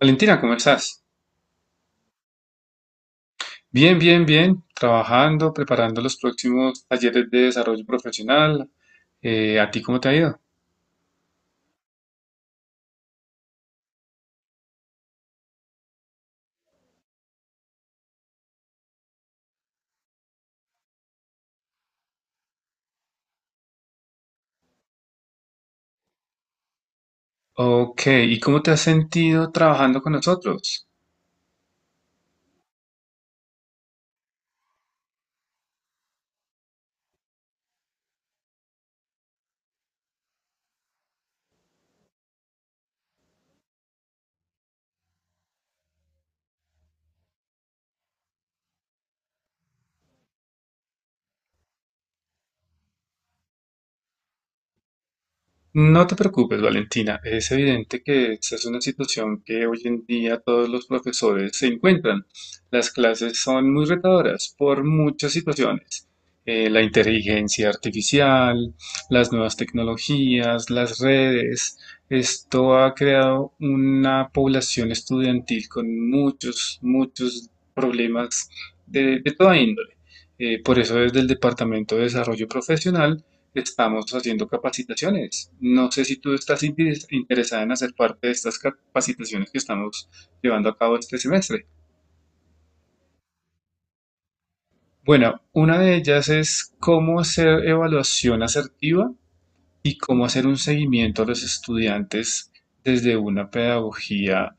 Valentina, ¿cómo estás? Bien, bien. Trabajando, preparando los próximos talleres de desarrollo profesional. ¿A ti cómo te ha ido? Ok, ¿y cómo te has sentido trabajando con nosotros? No te preocupes, Valentina. Es evidente que esta es una situación que hoy en día todos los profesores se encuentran. Las clases son muy retadoras por muchas situaciones. La inteligencia artificial, las nuevas tecnologías, las redes. Esto ha creado una población estudiantil con muchos, muchos problemas de toda índole. Por eso desde el Departamento de Desarrollo Profesional estamos haciendo capacitaciones. No sé si tú estás interesada en hacer parte de estas capacitaciones que estamos llevando a cabo este semestre. Bueno, una de ellas es cómo hacer evaluación asertiva y cómo hacer un seguimiento a los estudiantes desde una pedagogía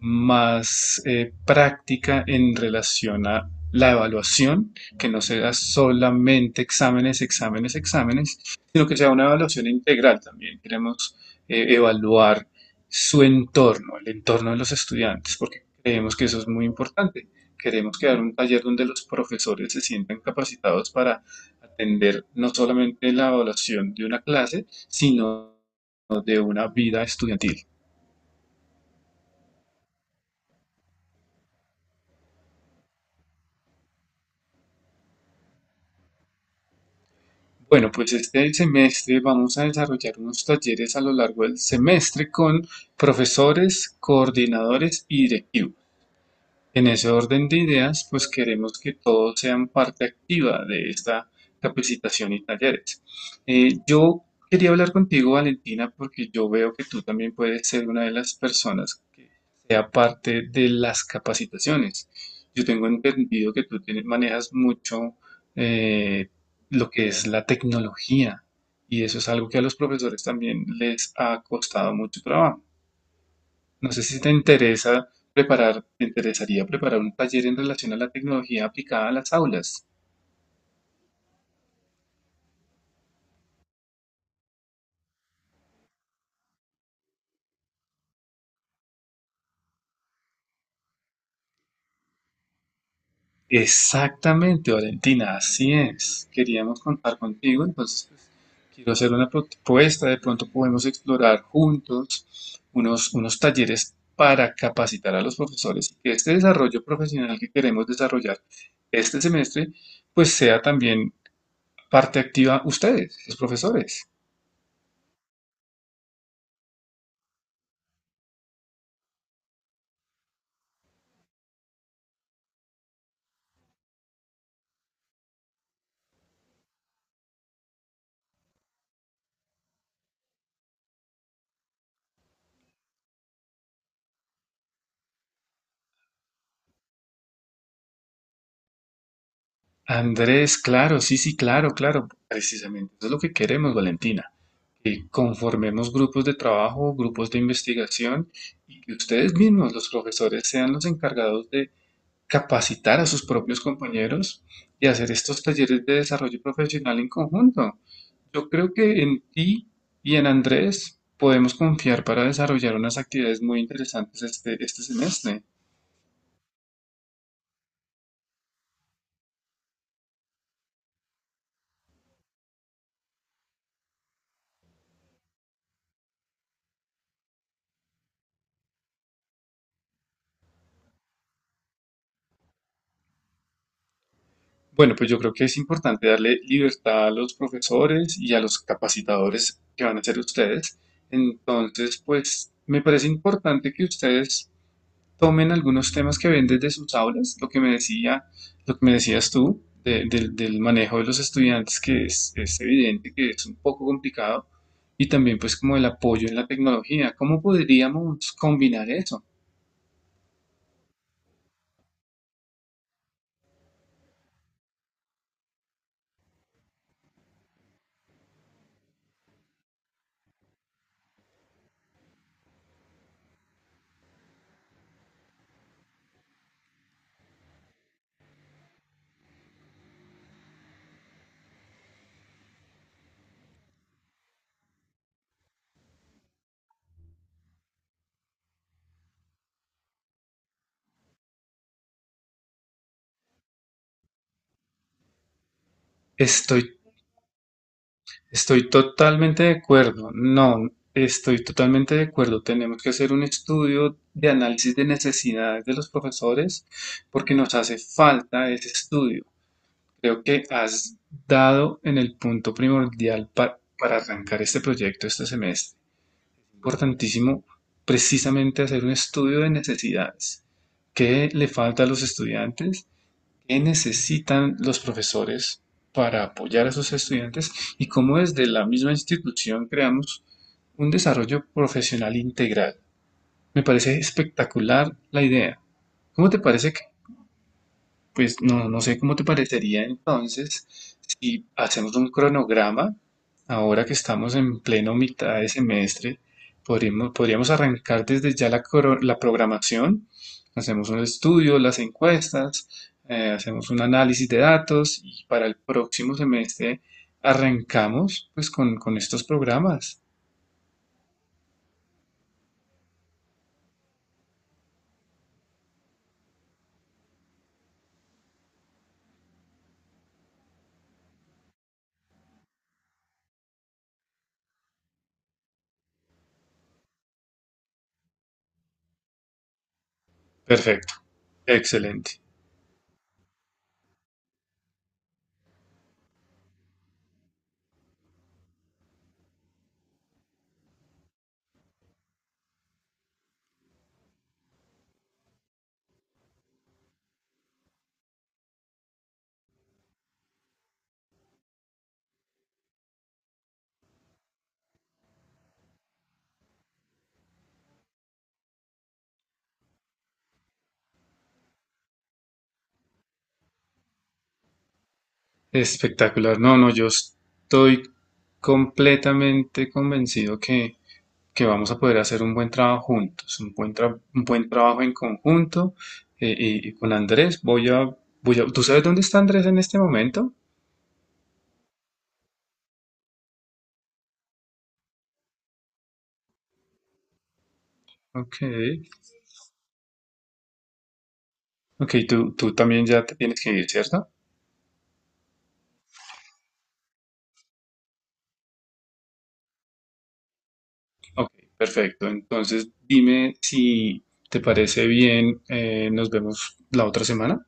más práctica en relación a la evaluación, que no sea solamente exámenes, exámenes, exámenes, sino que sea una evaluación integral también. Queremos evaluar su entorno, el entorno de los estudiantes, porque creemos que eso es muy importante. Queremos crear un taller donde los profesores se sientan capacitados para atender no solamente la evaluación de una clase, sino de una vida estudiantil. Bueno, pues este semestre vamos a desarrollar unos talleres a lo largo del semestre con profesores, coordinadores y directivos. En ese orden de ideas, pues queremos que todos sean parte activa de esta capacitación y talleres. Yo quería hablar contigo, Valentina, porque yo veo que tú también puedes ser una de las personas que sea parte de las capacitaciones. Yo tengo entendido que tú manejas mucho eh, lo que es la tecnología, y eso es algo que a los profesores también les ha costado mucho trabajo. No sé si te interesa te interesaría preparar un taller en relación a la tecnología aplicada a las aulas. Exactamente, Valentina, así es. Queríamos contar contigo, entonces pues, quiero hacer una propuesta. De pronto podemos explorar juntos unos talleres para capacitar a los profesores y que este desarrollo profesional que queremos desarrollar este semestre, pues sea también parte activa ustedes, los profesores. Andrés, claro, sí, sí, claro, claro, precisamente. Eso es lo que queremos, Valentina. Que conformemos grupos de trabajo, grupos de investigación, y que ustedes mismos, los profesores, sean los encargados de capacitar a sus propios compañeros y hacer estos talleres de desarrollo profesional en conjunto. Yo creo que en ti y en Andrés podemos confiar para desarrollar unas actividades muy interesantes este semestre. Bueno, pues yo creo que es importante darle libertad a los profesores y a los capacitadores que van a ser ustedes. Entonces, pues me parece importante que ustedes tomen algunos temas que ven desde sus aulas, lo que me decías tú del del manejo de los estudiantes, que es evidente que es un poco complicado, y también pues como el apoyo en la tecnología. ¿Cómo podríamos combinar eso? Estoy Estoy totalmente de acuerdo. No, estoy totalmente de acuerdo. Tenemos que hacer un estudio de análisis de necesidades de los profesores porque nos hace falta ese estudio. Creo que has dado en el punto primordial para arrancar este proyecto este semestre. Importantísimo precisamente hacer un estudio de necesidades. ¿Qué le falta a los estudiantes? ¿Qué necesitan los profesores para apoyar a sus estudiantes y cómo desde la misma institución creamos un desarrollo profesional integral? Me parece espectacular la idea. ¿Cómo te parece que Pues no, no sé cómo te parecería entonces si hacemos un cronograma, ahora que estamos en pleno mitad de semestre, podríamos arrancar desde ya la, la programación, hacemos un estudio, las encuestas, hacemos un análisis de datos y para el próximo semestre arrancamos pues con estos programas. Perfecto, excelente, espectacular. No, no, yo estoy completamente convencido que vamos a poder hacer un buen trabajo juntos, un buen trabajo en conjunto. Y, y con Andrés voy a... ¿Tú sabes dónde está Andrés en este momento? Ok, ok, tú también ya te tienes que ir, ¿cierto? Ok, perfecto. Entonces dime si te parece bien, nos vemos la otra semana.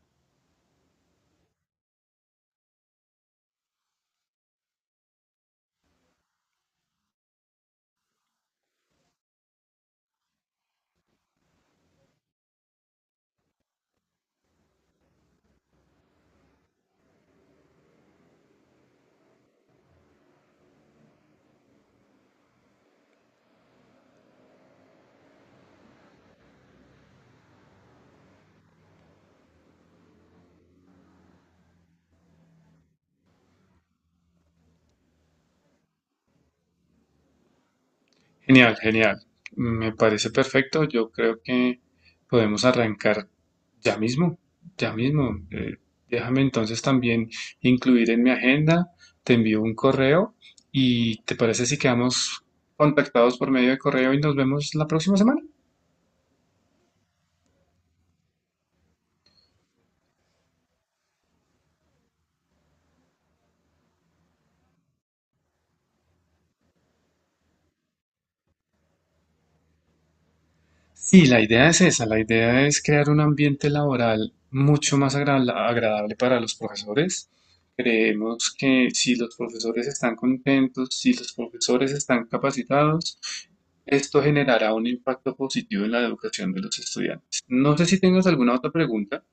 Genial, genial. Me parece perfecto. Yo creo que podemos arrancar ya mismo, ya mismo. Déjame entonces también incluir en mi agenda. Te envío un correo, y ¿te parece si quedamos contactados por medio de correo y nos vemos la próxima semana? Sí, la idea es esa, la idea es crear un ambiente laboral mucho más agradable para los profesores. Creemos que si los profesores están contentos, si los profesores están capacitados, esto generará un impacto positivo en la educación de los estudiantes. No sé si tengas alguna otra pregunta.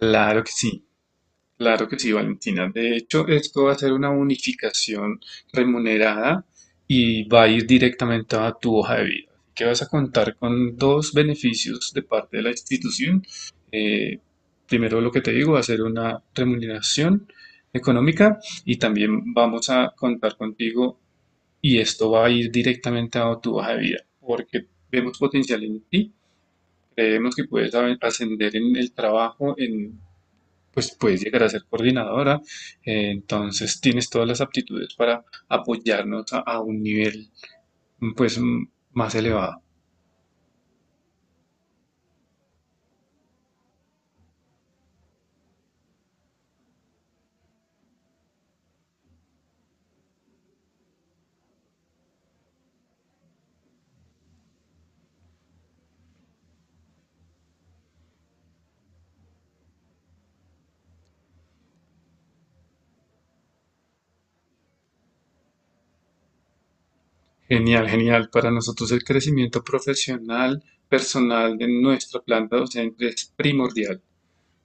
Claro que sí. Claro que sí, Valentina. De hecho, esto va a ser una unificación remunerada y va a ir directamente a tu hoja de vida. Que vas a contar con dos beneficios de parte de la institución. Eh, Primero, lo que te digo, va a ser una remuneración económica, y también vamos a contar contigo, y esto va a ir directamente a tu hoja de vida porque vemos potencial en ti. Creemos que puedes ascender en el trabajo, en pues puedes llegar a ser coordinadora. Entonces tienes todas las aptitudes para apoyarnos a un nivel pues más elevado. Genial, genial. Para nosotros el crecimiento profesional, personal de nuestra planta docente es primordial.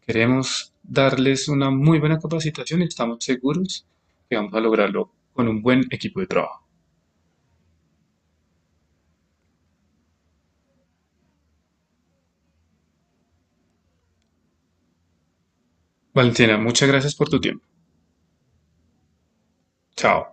Queremos darles una muy buena capacitación y estamos seguros que vamos a lograrlo con un buen equipo de trabajo. Valentina, muchas gracias por tu tiempo. Chao.